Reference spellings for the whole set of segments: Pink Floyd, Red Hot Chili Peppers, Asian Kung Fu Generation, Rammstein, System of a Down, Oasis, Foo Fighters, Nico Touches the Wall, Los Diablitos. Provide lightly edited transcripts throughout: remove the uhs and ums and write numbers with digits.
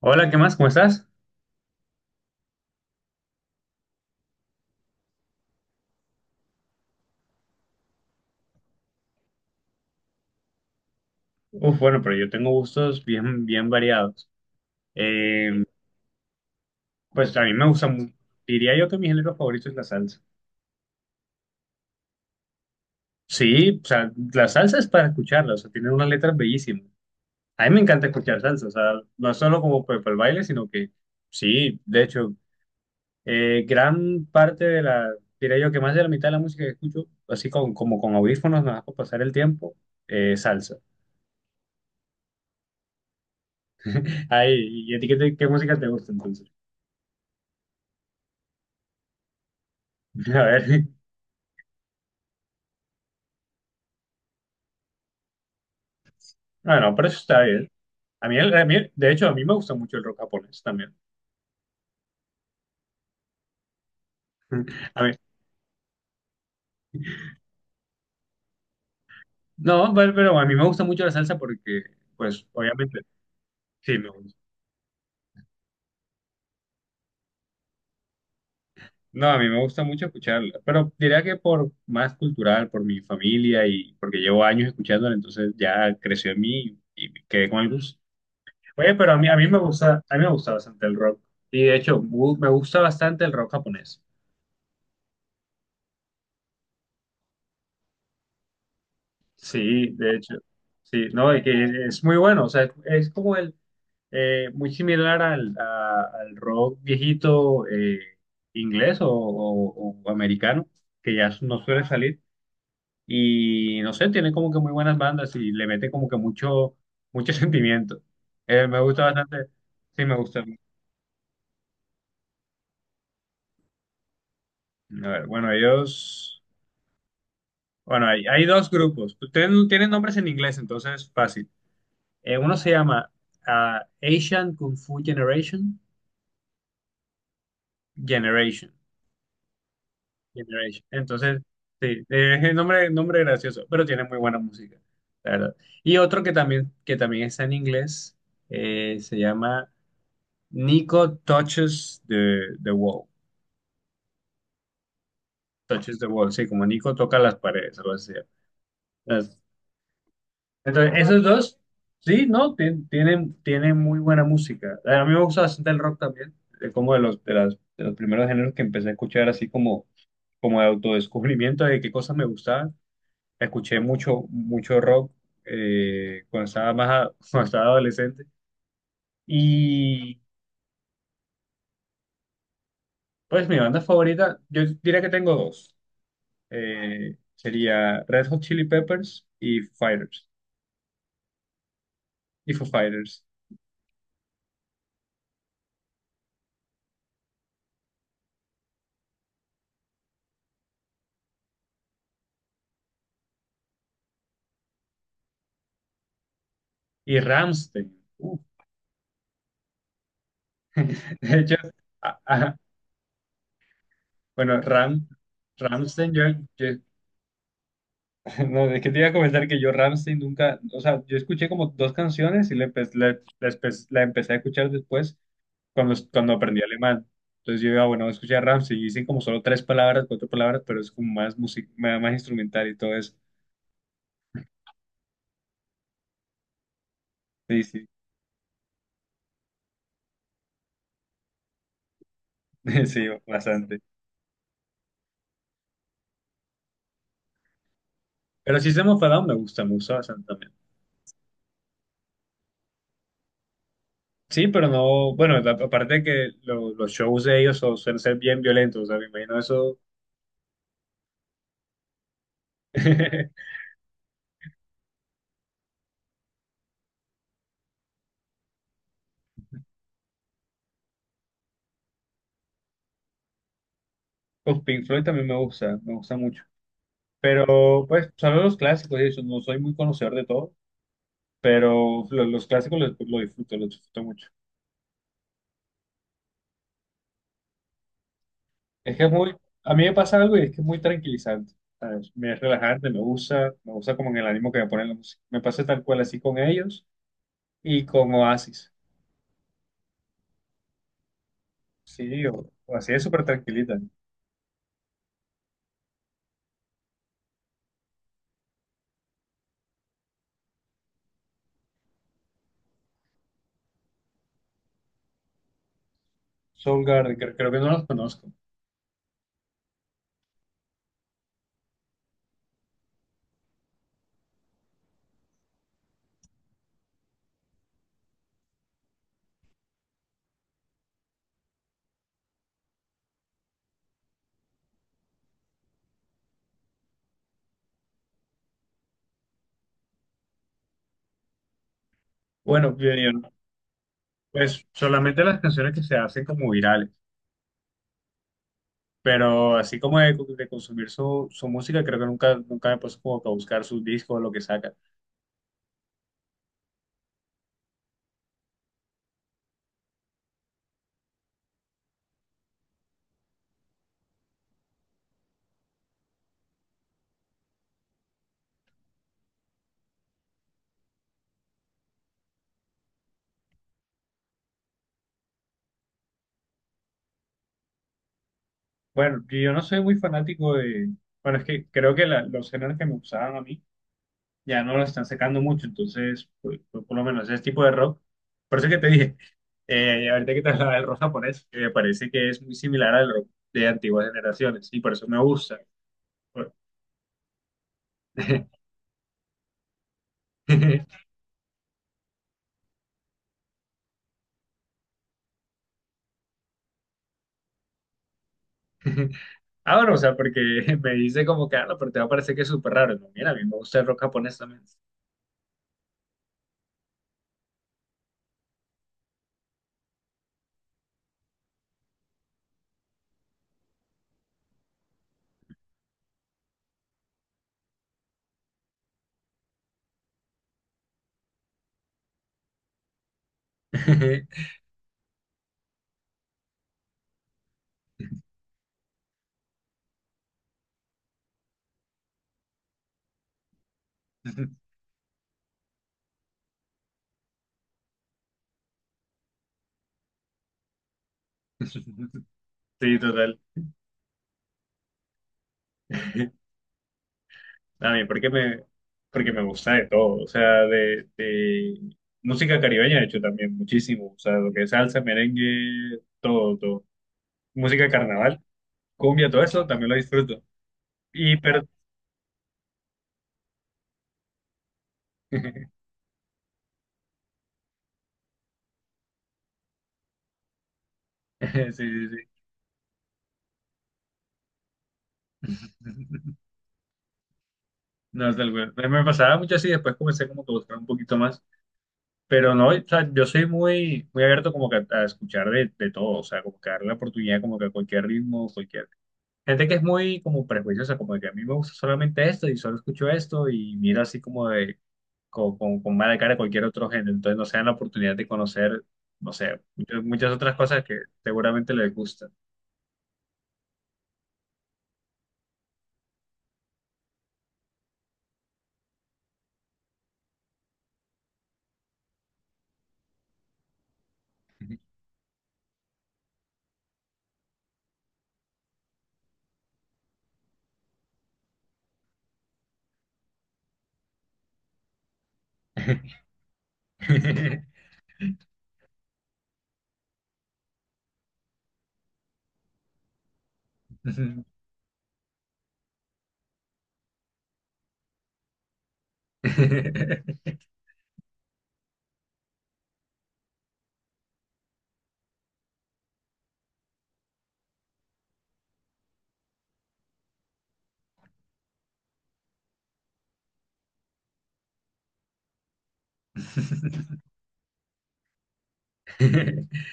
Hola, ¿qué más? ¿Cómo estás? Uf, bueno, pero yo tengo gustos bien, bien variados. Eh, pues a mí me gusta, diría yo que mi género favorito es la salsa. Sí, o sea, la salsa es para escucharla, o sea, tiene unas letras bellísimas. A mí me encanta escuchar salsa, o sea, no solo como pues, para el baile, sino que sí, de hecho, gran parte de la, diría yo que más de la mitad de la música que escucho, así con, como con audífonos, nada más para pasar el tiempo, salsa. Ay, ¿y a ti qué música te gusta entonces? A ver, bueno, pero eso está bien. A mí, el- a mí- de hecho, a mí me gusta mucho el rock japonés también. A mí no, pero a mí me gusta mucho la salsa porque, pues, obviamente, sí, me gusta. No, a mí me gusta mucho escucharla, pero diría que por más cultural, por mi familia y porque llevo años escuchándola, entonces ya creció en mí y me quedé con el gusto. Oye, pero a mí me gusta bastante el rock. Y de hecho, me gusta bastante el rock japonés. Sí, de hecho, sí, no, y que es muy bueno, o sea, es como el muy similar al rock viejito, inglés o americano, que ya no suele salir. Y no sé, tiene como que muy buenas bandas y le mete como que mucho, mucho sentimiento. Me gusta bastante. Sí, me gusta. A ver, bueno, ellos. Bueno, hay dos grupos. Tienen nombres en inglés, entonces fácil. Uno se llama Asian Kung Fu Generation. Generation. Generation. Entonces, sí, es el nombre gracioso, pero tiene muy buena música, la verdad. Y otro que también, está en inglés, se llama Nico Touches the Wall. Touches the Wall, sí, como Nico toca las paredes, algo así. Entonces, entonces, esos dos, sí, ¿no? Tienen muy buena música. A mí me gusta bastante el rock también, como de los primeros géneros que empecé a escuchar, así como de autodescubrimiento de qué cosas me gustaban. Escuché mucho, mucho rock, cuando estaba más, a- cuando estaba adolescente. Y pues mi banda favorita, yo diría que tengo dos. Sería Red Hot Chili Peppers y Foo Fighters. Y Foo Fighters. Y Rammstein. Uh, De hecho, a- a- bueno, Ram, Rammstein, yo No, es que te iba a comentar que yo Rammstein nunca, o sea, yo escuché como dos canciones y le empe- le la espe- la empecé a escuchar después cuando aprendí alemán. Entonces bueno, escuché a Rammstein y dicen como solo tres palabras, cuatro palabras, pero es como más música, más instrumental y todo eso. Sí, sí, sí, bastante. Pero sí, System of a Down me gusta bastante también. Sí, pero no, bueno, aparte de que los shows de ellos suelen ser bien violentos, o sea, me imagino eso. Pues Pink Floyd también me gusta mucho. Pero, pues, solo los clásicos, y eso, no soy muy conocedor de todo, pero los clásicos los disfruto, los disfruto mucho. Es que es muy, A mí me pasa algo y es que es muy tranquilizante, ¿sabes? Me es relajante, me gusta como en el ánimo que me ponen la música. Me pasa tal cual así con ellos y con Oasis, sí, o así es súper tranquilita. Soundgarden, creo que no los conozco. Bueno, bien, bien, pues solamente las canciones que se hacen como virales. Pero así como de consumir su música, creo que nunca, nunca me puse como que a buscar sus discos o lo que saca. Bueno, yo no soy muy fanático de... Bueno, es que creo que los géneros que me gustaban a mí ya no lo están sacando mucho, entonces, pues, por lo menos ese tipo de rock. Por eso que te dije, ahorita que te hablaba del rock japonés, que me parece que es muy similar al rock de antiguas generaciones, y por eso me gusta. Por- Ah, bueno, o sea, porque me dice como que, no, pero te va a parecer que es súper raro. No, mira, a mí me gusta el rock japonés también. Sí, total. A mí, porque me gusta de todo, o sea, de música caribeña, de hecho, también muchísimo, o sea, lo que es salsa, merengue, todo, todo. Música de carnaval, cumbia, todo eso, también lo disfruto. Pero, sí, sí, sí. No, me pasaba mucho así, después comencé como que a buscar un poquito más, pero no, o sea, yo soy muy, muy abierto como que a escuchar de todo, o sea, como que darle la oportunidad como que a cualquier ritmo, cualquier. Gente que es muy como prejuiciosa, como de que a mí me gusta solamente esto y solo escucho esto y mira así como de con mala cara cualquier otro género. Entonces no se dan la oportunidad de conocer, no sé, muchas, muchas otras cosas que seguramente les gustan.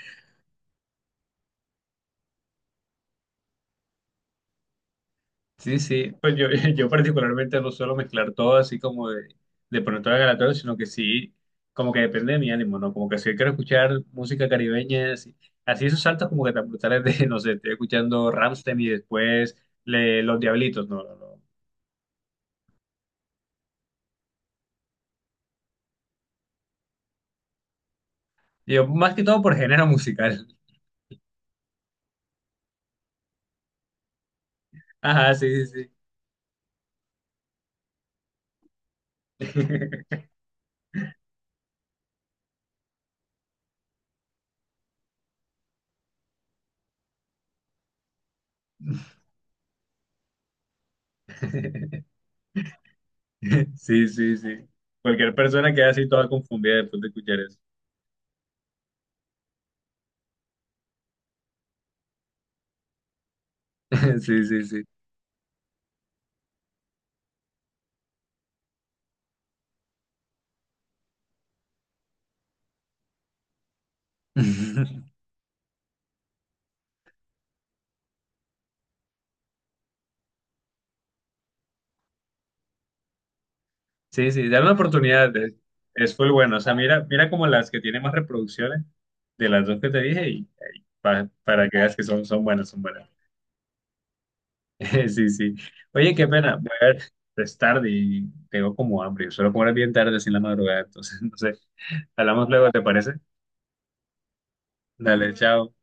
Sí, sí, pues yo, yo particularmente no suelo mezclar todo así como de pronto a la aleatorio, sino que sí, como que depende de mi ánimo, ¿no? Como que si hoy quiero escuchar música caribeña, así esos saltos como que tan brutales de, no sé, estoy escuchando Rammstein y después Los Diablitos, no, no, no. Yo más que todo por género musical. Ajá, sí, sí, sí. Sí, sí, sí. Cualquier persona queda así toda confundida después de escuchar eso. Sí, sí, sí. Sí, sí, dale una oportunidad. Es full bueno. O sea, mira como las que tienen más reproducciones de las dos que te dije y para que veas que son buenas, son buenas. Sí, sí. Oye, qué pena. Voy a ver, es tarde y tengo como hambre. Yo suelo comer bien tarde, así en la madrugada. Entonces, no sé. Hablamos luego, ¿te parece? Dale, chao.